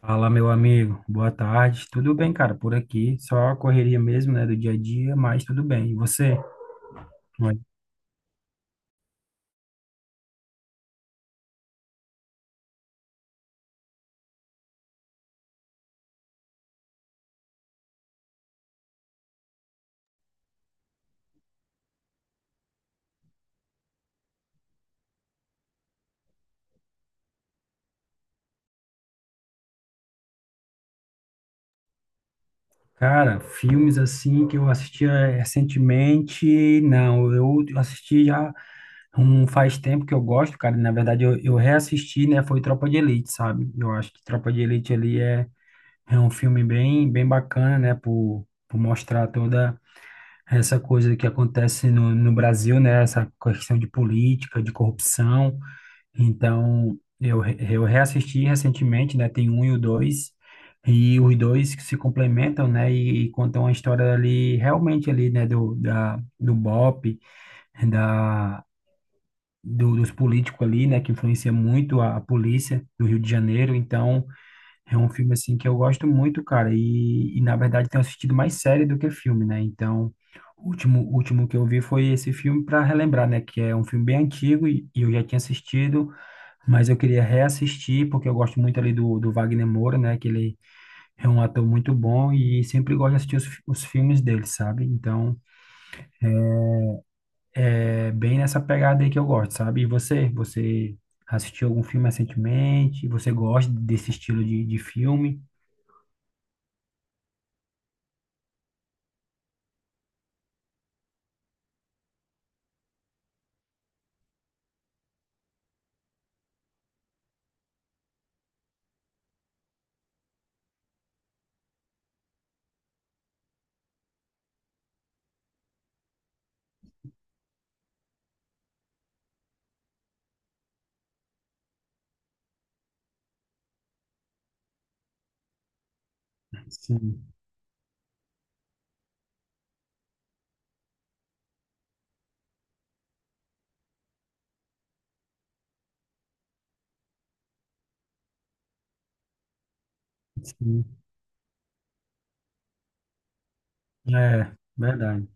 Fala, meu amigo. Boa tarde. Tudo bem, cara? Por aqui, só a correria mesmo, né, do dia a dia, mas tudo bem. E você? Como é? Cara, filmes assim que eu assistia recentemente, não, eu assisti já um faz tempo que eu gosto, cara. Na verdade, eu reassisti, né, foi Tropa de Elite, sabe? Eu acho que Tropa de Elite ali é um filme bem, bem bacana, né, por mostrar toda essa coisa que acontece no Brasil, né, essa questão de política, de corrupção. Então, eu reassisti recentemente, né? Tem um e o dois, e os dois que se complementam, né? E contam a história ali, realmente ali, né? Do BOP, da, dos políticos ali, né? Que influencia muito a polícia do Rio de Janeiro. Então, é um filme, assim, que eu gosto muito, cara. E na verdade, tenho assistido mais série do que filme, né? Então, o último que eu vi foi esse filme para relembrar, né? Que é um filme bem antigo e eu já tinha assistido mas eu queria reassistir, porque eu gosto muito ali do Wagner Moura, né? Que ele é um ator muito bom e sempre gosto de assistir os filmes dele, sabe? Então, é bem nessa pegada aí que eu gosto, sabe? E você? Você assistiu algum filme recentemente? Você gosta desse estilo de filme? Sim, sim. É, verdade.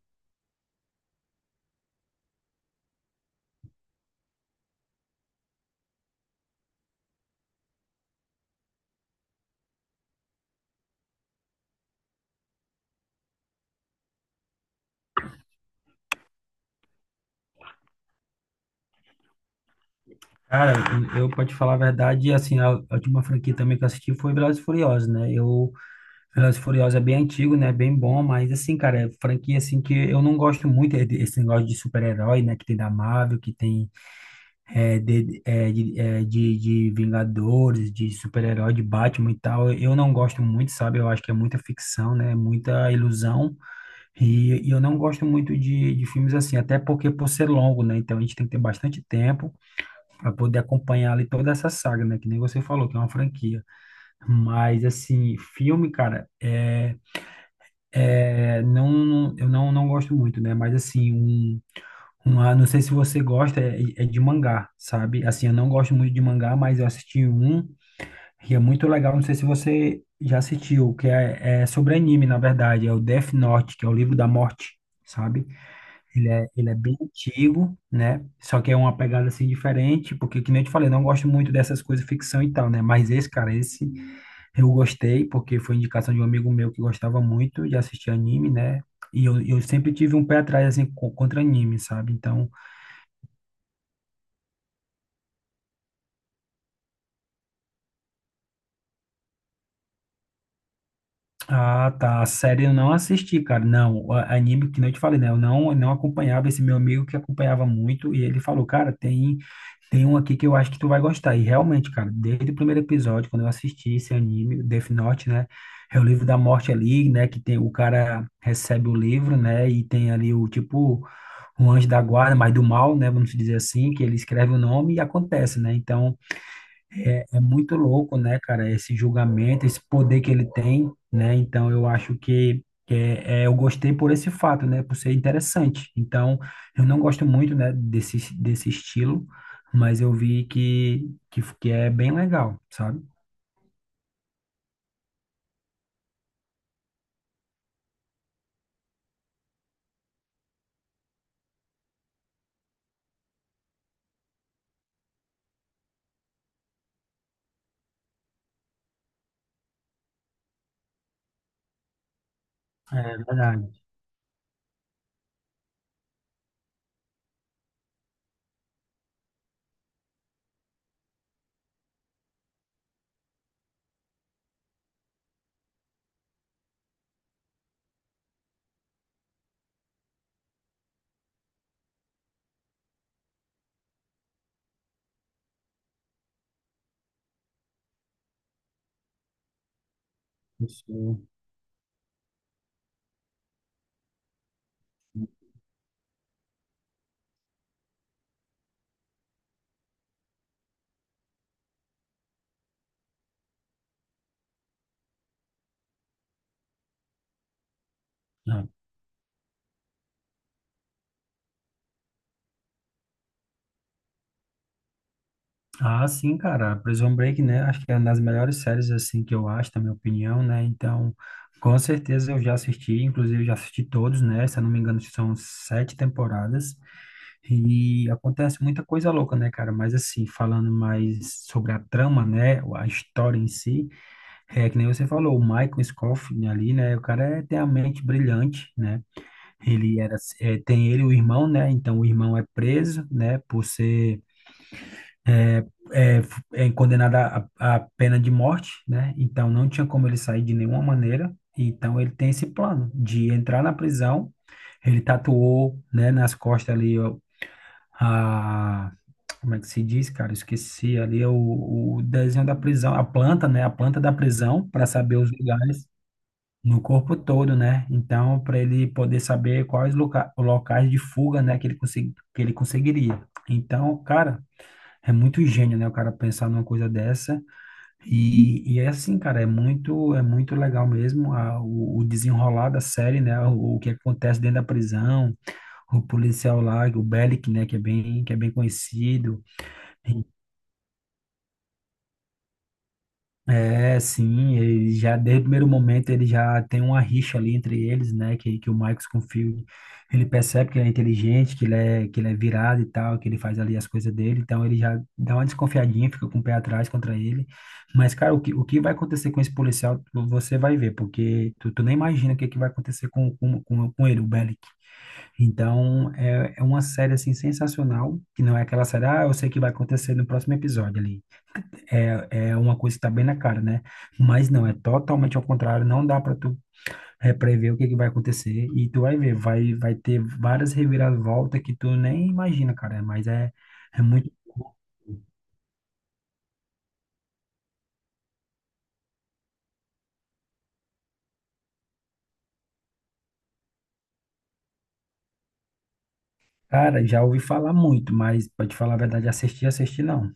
Cara, eu pra te falar a verdade, assim, a última franquia também que eu assisti foi Velozes e Furiosos, né? Eu Velozes e Furiosos é bem antigo, né? Bem bom, mas assim, cara, é franquia assim que eu não gosto muito é esse negócio de super-herói, né? Que tem da Marvel, que tem de Vingadores, de super-herói, de Batman e tal. Eu não gosto muito, sabe? Eu acho que é muita ficção, né? Muita ilusão. E eu não gosto muito de filmes assim, até porque por ser longo, né? Então a gente tem que ter bastante tempo para poder acompanhar ali toda essa saga, né? Que nem você falou, que é uma franquia. Mas assim, filme, cara. É, não, eu não, não gosto muito, né? Mas assim, uma, não sei se você gosta, é de mangá, sabe? Assim, eu não gosto muito de mangá, mas eu assisti um e é muito legal. Não sei se você já assistiu, que é sobre anime, na verdade, é o Death Note, que é o livro da morte, sabe? Ele é bem antigo, né? Só que é uma pegada assim diferente, porque, que nem eu te falei, eu não gosto muito dessas coisas ficção e tal, né? Mas esse, cara, esse. Eu gostei, porque foi indicação de um amigo meu que gostava muito de assistir anime, né? E eu sempre tive um pé atrás, assim, contra anime, sabe? Então, ah, tá, a série eu não assisti, cara. Não, anime, que nem eu te falei, né? Eu não acompanhava esse meu amigo que acompanhava muito, e ele falou, cara, tem um aqui que eu acho que tu vai gostar. E realmente, cara, desde o primeiro episódio, quando eu assisti esse anime, Death Note, né? É o livro da morte ali, né? Que tem o cara recebe o livro, né? E tem ali o tipo, um anjo da guarda, mas do mal, né, vamos dizer assim, que ele escreve o nome e acontece, né? Então, é muito louco, né, cara, esse julgamento, esse poder que ele tem, né? Então, eu acho que eu gostei por esse fato, né, por ser interessante. Então, eu não gosto muito, né, desse estilo, mas eu vi que é bem legal, sabe? É verdade. Isso. Ah, sim, cara, Prison Break, né? Acho que é uma das melhores séries, assim, que eu acho, na minha opinião, né? Então, com certeza eu já assisti, inclusive já assisti todos, né? Se eu não me engano, são sete temporadas e acontece muita coisa louca, né, cara? Mas, assim, falando mais sobre a trama, né? A história em si, é que nem você falou, o Michael Scofield ali, né? O cara tem a mente brilhante, né? Ele era, tem ele, e o irmão, né? Então, o irmão é preso, né? Por ser é, é condenada à pena de morte, né? Então não tinha como ele sair de nenhuma maneira. Então ele tem esse plano de entrar na prisão. Ele tatuou, né, nas costas ali ó, a como é que se diz, cara? Eu esqueci ali o desenho da prisão, a planta, né? A planta da prisão para saber os lugares no corpo todo, né? Então, para ele poder saber quais locais de fuga, né, que ele conseguiria. Então, cara, é muito gênio, né? O cara pensar numa coisa dessa e é assim, cara, é muito legal mesmo o desenrolar da série, né? O que acontece dentro da prisão, o policial lá, o Bellic, né? Que é bem conhecido. É, sim, ele já desde o primeiro momento ele já tem uma rixa ali entre eles, né? Que o Marcos confia, ele percebe que ele é inteligente, que ele é virado e tal, que ele faz ali as coisas dele, então ele já dá uma desconfiadinha, fica com o pé atrás contra ele. Mas, cara, o que vai acontecer com esse policial, você vai ver, porque tu nem imagina o que vai acontecer com ele, o Bellic. Então, é uma série assim sensacional, que não é aquela série, ah, eu sei o que vai acontecer no próximo episódio ali. É uma coisa que tá bem na cara, né? Mas não, é totalmente ao contrário, não dá para tu prever o que que vai acontecer e tu vai ver, vai ter várias reviravoltas que tu nem imagina, cara, mas é muito. Cara, já ouvi falar muito, mas pra te falar a verdade, assistir, assistir não.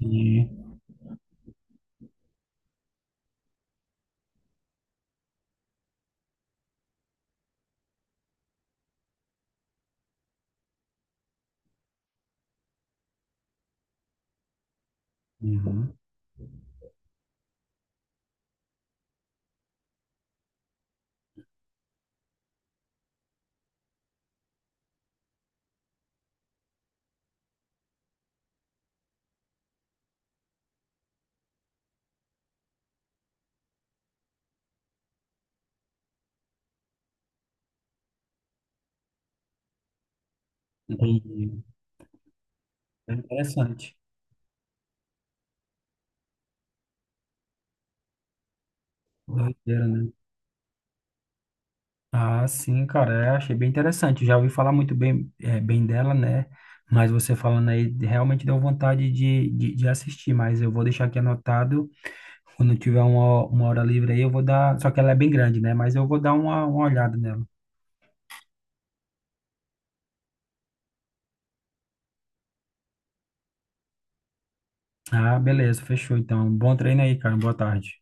E, uhum, entendi. É interessante. Doideira, né? Ah, sim, cara, achei bem interessante. Já ouvi falar muito bem, bem dela, né? Mas você falando aí realmente deu vontade de assistir. Mas eu vou deixar aqui anotado. Quando tiver uma hora livre aí, eu vou dar. Só que ela é bem grande, né? Mas eu vou dar uma olhada nela. Ah, beleza, fechou. Então, bom treino aí, cara. Boa tarde.